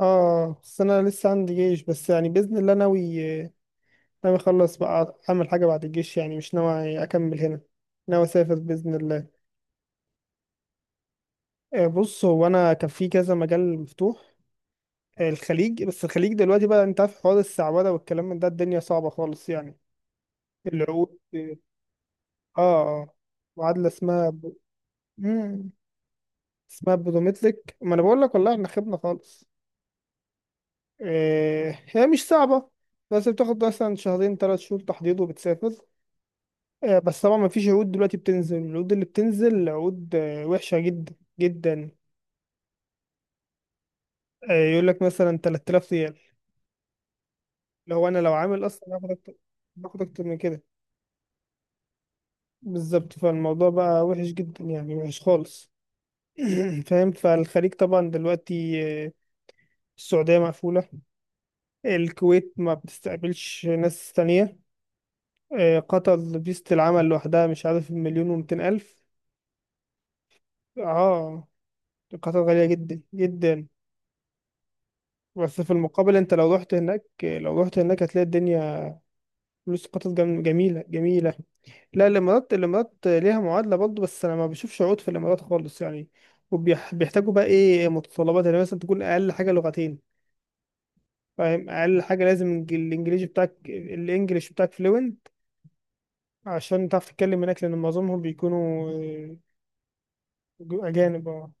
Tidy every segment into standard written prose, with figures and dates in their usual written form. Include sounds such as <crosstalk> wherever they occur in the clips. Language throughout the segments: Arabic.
اه، بس انا لسه عندي جيش، بس يعني باذن الله ناوي اخلص بقى اعمل حاجه بعد الجيش، يعني مش ناوي اكمل هنا، ناوي اسافر باذن الله. بص، هو انا كان في كذا مجال مفتوح. الخليج، بس الخليج دلوقتي بقى، انت عارف حوار السعوده والكلام من ده، الدنيا صعبه خالص يعني. العقود. اه، اه، معادله اسمها. مم. اسمها برومتريك، ما انا بقول لك والله احنا خيبنا خالص. هي مش صعبه، بس بتاخد مثلا شهرين 3 شهور تحضير وبتسافر. بس طبعا مفيش عقود دلوقتي بتنزل. العقود اللي بتنزل عقود وحشة جدا جدا. يقول لك مثلا 3000 ريال. لو عامل اصلا باخد اكتر، باخد اكتر من كده. بالظبط، فالموضوع بقى وحش جدا يعني، وحش خالص. <clears throat> فاهم. فالخليج طبعا دلوقتي، السعودية مقفولة. الكويت ما بتستقبلش ناس تانية. قطر فيزة العمل لوحدها مش عارف مليون ومتين ألف. اه، قطر غالية جدا جدا. بس في المقابل انت لو رحت هناك، لو رحت هناك هتلاقي الدنيا. فلوس قطر جميلة جميلة. لا، الإمارات ليها معادلة برضه، بس أنا ما بشوفش عقود في الإمارات خالص يعني. وبيحتاجوا بقى إيه متطلبات، يعني مثلا تكون أقل حاجة لغتين. فاهم؟ أقل حاجة لازم الإنجليزي بتاعك الإنجليش بتاعك فلوينت. عشان تعرف تتكلم هناك، لأن معظمهم بيكونوا أجانب.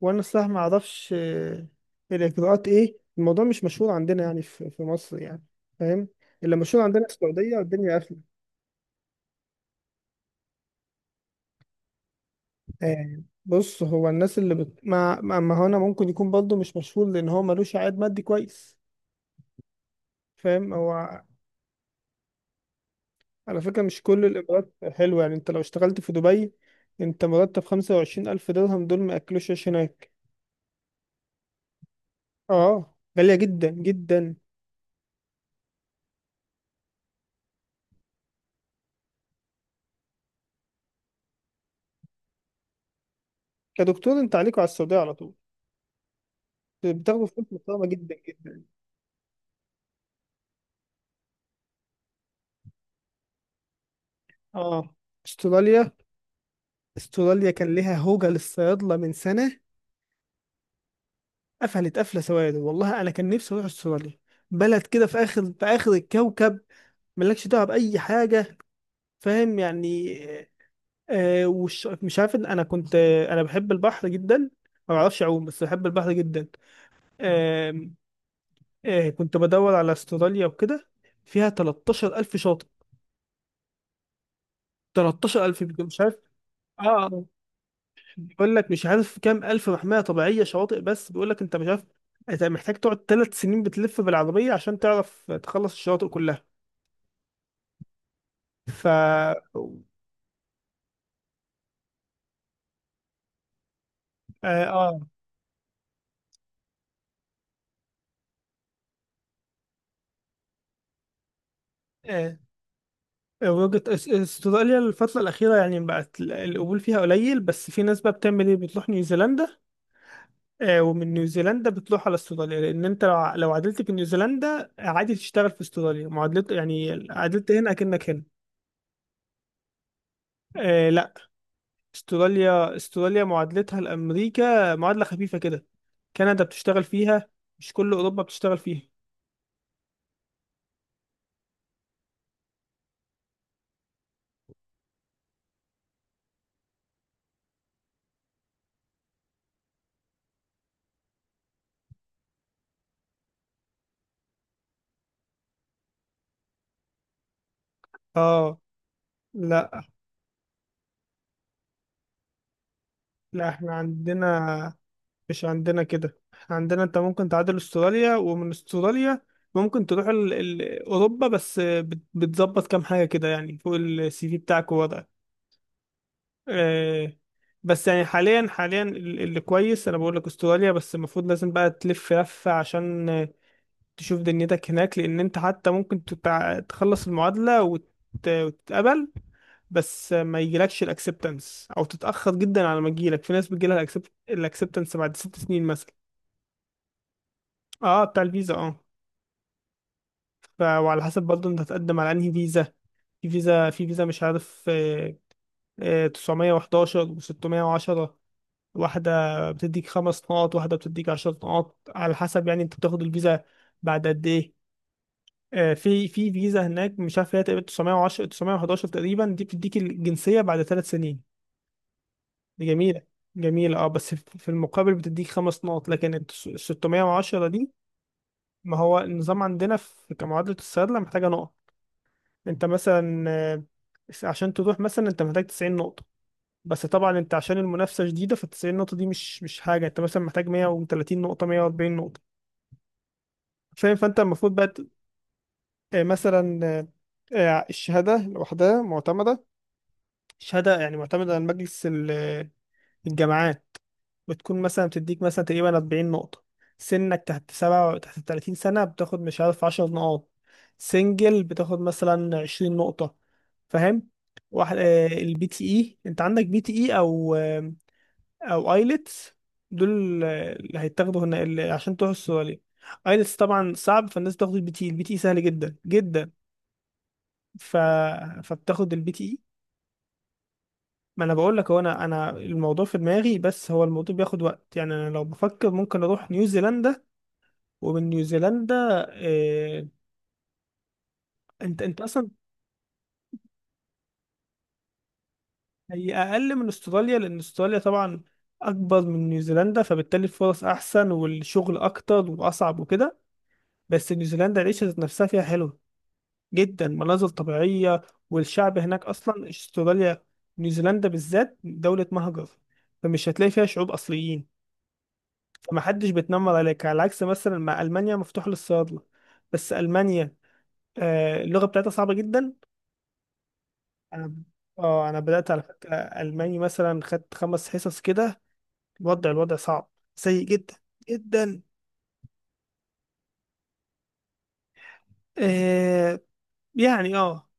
وانا الصراحه ما اعرفش الاجراءات ايه. الموضوع مش مشهور عندنا يعني، في مصر يعني. فاهم؟ اللي مشهور عندنا في السعوديه، والدنيا قافله. بص، هو الناس ما هو انا، ممكن يكون برضه مش مشهور لان هو ملوش عائد مادي كويس. فاهم؟ هو. على فكره مش كل الاجراءات حلوه يعني، انت لو اشتغلت في دبي، انت مرتب 25000 الف درهم، دول ما ياكلوش عيش هناك. اه، غاليه جدا جدا. كدكتور، انت عليكوا على السعوديه على طول، بتاخدوا فلوس محترمه جدا جدا. اه. استراليا استراليا كان ليها هوجة للصيادلة من سنة. قفلت قفلة سواد. والله أنا كان نفسي أروح استراليا. بلد كده في آخر، الكوكب ملكش دعوة بأي حاجة. فاهم يعني. وش مش عارف إن أنا كنت، أنا بحب البحر جدا. ما بعرفش أعوم، بس بحب البحر جدا. آه كنت بدور على استراليا وكده. فيها 13000 شاطئ. 13000 مش عارف. اه. بيقول لك مش عارف كام الف محميه طبيعيه شواطئ. بس بيقول لك انت مش عارف. انت محتاج تقعد 3 سنين بتلف بالعربيه عشان تعرف تخلص الشواطئ كلها. ف اه اه آه. وجهة استراليا الفترة الأخيرة يعني بقت القبول فيها قليل. بس في ناس بقى بتعمل إيه؟ بتروح نيوزيلندا. ومن نيوزيلندا بتروح على استراليا، لأن أنت لو عدلت في نيوزيلندا عادي تشتغل في استراليا، معادلة يعني عدلت هنا أكنك هنا. لا، استراليا معادلتها لأمريكا معادلة خفيفة كده. كندا بتشتغل فيها، مش كل أوروبا بتشتغل فيها. اه. لا، لا، احنا عندنا. مش عندنا كده، احنا عندنا انت ممكن تعادل استراليا، ومن استراليا ممكن تروح أوروبا. بس بتظبط كام حاجة كده يعني، فوق السي في بتاعك ووضعك. آه بس يعني، حاليا اللي كويس انا بقول لك استراليا. بس المفروض لازم بقى تلف لفة عشان تشوف دنيتك هناك، لان انت حتى ممكن تخلص المعادلة وتتقبل. بس ما يجيلكش الاكسبتنس، او تتأخر جدا على ما تجيلك. في ناس بتجيلها الاكسبتنس بعد 6 سنين مثلا. اه، بتاع الفيزا، اه. وعلى حسب برضه انت هتقدم على انهي فيزا. في فيزا مش عارف، 911 و610. واحدة بتديك 5 نقط، واحدة بتديك 10 نقط، على حسب يعني انت بتاخد الفيزا بعد قد ايه. في فيزا هناك مش عارف، هي تقريبا 910 911 تقريبا. دي بتديك الجنسية بعد 3 سنين. دي جميلة. جميلة اه. بس في المقابل بتديك 5 نقط، لكن ال 610 دي. ما هو النظام عندنا في كمعادلة الصيادلة محتاجة نقط. انت مثلا عشان تروح مثلا، انت محتاج 90 نقطة. بس طبعا انت عشان المنافسة شديدة، ف 90 نقطة دي مش حاجة. انت مثلا محتاج 130 نقطة، 140 نقطة. فاهم؟ فانت المفروض بقى مثلا، الشهادة لوحدها معتمدة. شهادة يعني معتمدة على مجلس الجامعات. بتكون مثلا بتديك مثلا تقريبا 40 نقطة. سنك تحت سبعة، تحت 30 سنة، بتاخد مش عارف 10 نقاط. سنجل بتاخد مثلا 20 نقطة. فاهم؟ واحد البي تي اي، انت عندك بي تي اي او ايلتس. دول اللي هيتاخدوا هنا اللي عشان تروح السعودية. ايلتس طبعا صعب، فالناس بتاخد البي تي اي. البي تي اي سهل جدا جدا. ف... فبتاخد البي تي. ما انا بقول لك، هو انا الموضوع في دماغي، بس هو الموضوع بياخد وقت يعني. انا لو بفكر ممكن اروح نيوزيلندا. ومن نيوزيلندا، إيه. انت اصلا، هي اقل من استراليا لان استراليا طبعا اكبر من نيوزيلندا، فبالتالي الفرص احسن والشغل اكتر واصعب وكده. بس نيوزيلندا العيشة ذات نفسها فيها حلوة جدا، مناظر طبيعية. والشعب هناك اصلا، استراليا، نيوزيلندا بالذات دولة مهجر. فمش هتلاقي فيها شعوب اصليين، فما حدش بيتنمر عليك. على عكس مثلا، مع ألمانيا مفتوح للصيادلة. بس ألمانيا اللغة بتاعتها صعبة جدا. أنا، اه أنا بدأت على فكرة ألماني مثلا، خدت 5 حصص كده. الوضع صعب، سيء جدا جدا. آه يعني اه.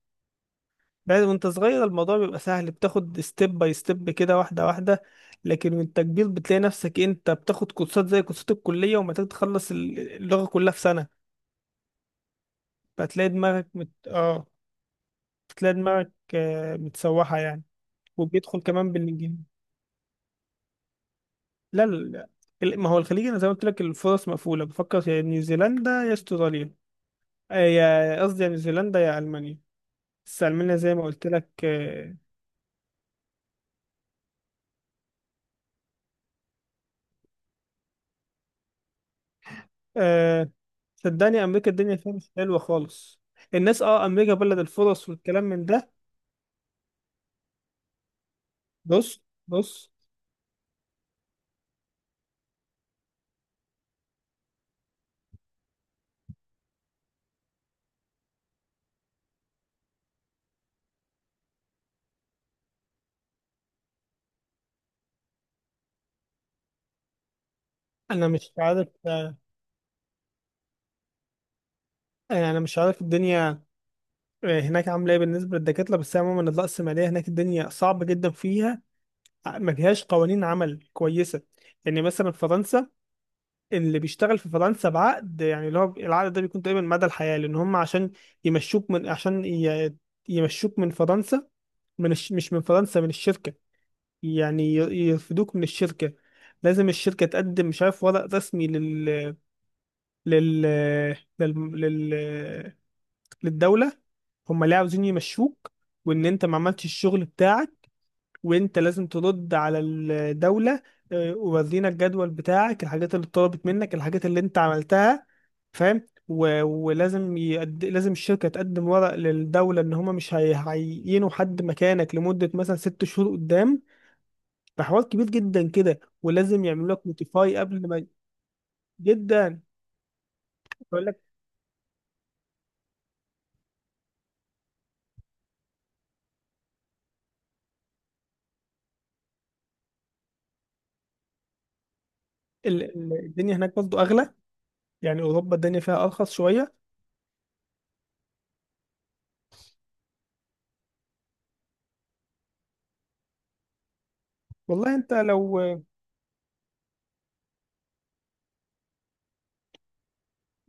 بعد، وانت صغير الموضوع بيبقى سهل، بتاخد ستيب باي ستيب كده، واحدة واحدة. لكن وانت كبير بتلاقي نفسك انت بتاخد كورسات زي كورسات الكلية، ومحتاج تخلص اللغة كلها في سنة. فتلاقي دماغك مت... اه تلاقي دماغك متسوحة يعني. وبيدخل كمان بالإنجليزي. لا، لا، لا. ما هو الخليج أنا زي ما قلت لك الفرص مقفولة. بفكر يا نيوزيلندا يا استراليا. يا قصدي، يا نيوزيلندا يا ألمانيا. بس ألمانيا زي ما قلت لك. آه، صدقني أمريكا الدنيا فيها مش حلوة خالص. الناس، أمريكا بلد الفرص والكلام من ده. بص بص أنا مش عارف يعني أنا مش عارف الدنيا هناك عاملة إيه بالنسبة للدكاترة. بس عموما الرأسمالية هناك الدنيا صعبة جدا فيها، ما فيهاش قوانين عمل كويسه. يعني مثلا في فرنسا، اللي بيشتغل في فرنسا بعقد يعني، اللي هو العقد ده بيكون تقريبا مدى الحياه. لان هم عشان يمشوك من عشان ي- يمشوك من فرنسا، مش من فرنسا، من الشركه. يعني يرفدوك من الشركه، لازم الشركه تقدم مش عارف ورق رسمي لل لل, لل... للدوله. هم ليه عاوزين يمشوك، وان انت ما عملتش الشغل بتاعك. وانت لازم ترد على الدولة، ورينا الجدول بتاعك، الحاجات اللي اتطلبت منك، الحاجات اللي انت عملتها. فاهم. و- ولازم لازم الشركة تقدم ورق للدولة ان هما مش هيعينوا حد مكانك لمدة مثلا 6 شهور قدام. فحوار كبير جدا كده، ولازم يعملوا لك نوتيفاي قبل ما. جدا. بقول لك، الدنيا هناك برضه اغلى يعني. اوروبا الدنيا فيها ارخص شوية. والله انت لو.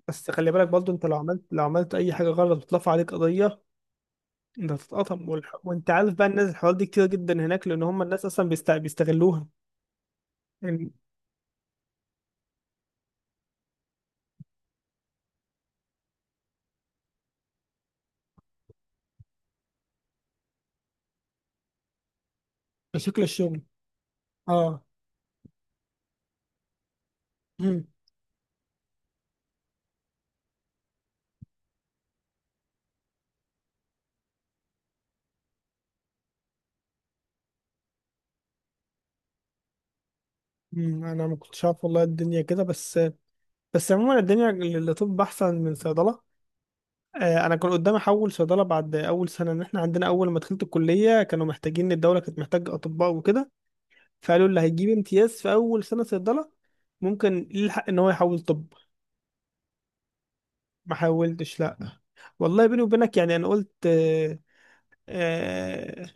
بس خلي بالك برضه، انت لو عملت اي حاجة غلط بترفع عليك قضية. ده تتقطم وانت عارف بقى، الناس الحوار دي كتير جدا هناك، لان هم الناس اصلا بيستغلوها يعني بشكل الشغل. اه. مم. مم. انا ما كنتش عارف والله الدنيا كده. بس عموما الدنيا للطب احسن من صيدله. انا كان قدامي احول صيدله بعد اول سنه. ان احنا عندنا اول ما دخلت الكليه كانوا محتاجين، الدوله كانت محتاجه اطباء وكده. فقالوا اللي هيجيب امتياز في اول سنه صيدله ممكن يلحق ان هو يحول طب. ما حولتش، لا. والله بيني وبينك يعني، انا قلت، آه،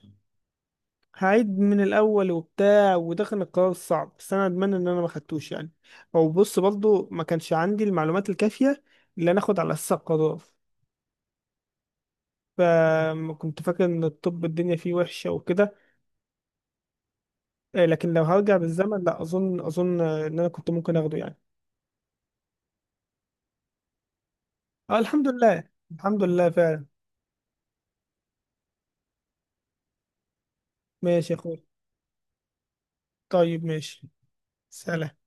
هعيد من الاول وبتاع. وده كان القرار الصعب، بس انا اتمنى ان انا ما خدتوش يعني. او بص، برضو ما كانش عندي المعلومات الكافيه اللي انا اخد على اساسها القرار. فكنت فاكر ان الطب الدنيا فيه وحشه وكده. لكن لو هرجع بالزمن، لا اظن ان انا كنت ممكن اخده يعني. اه، الحمد لله. الحمد لله فعلا. ماشي يا اخوي، طيب ماشي، سلام.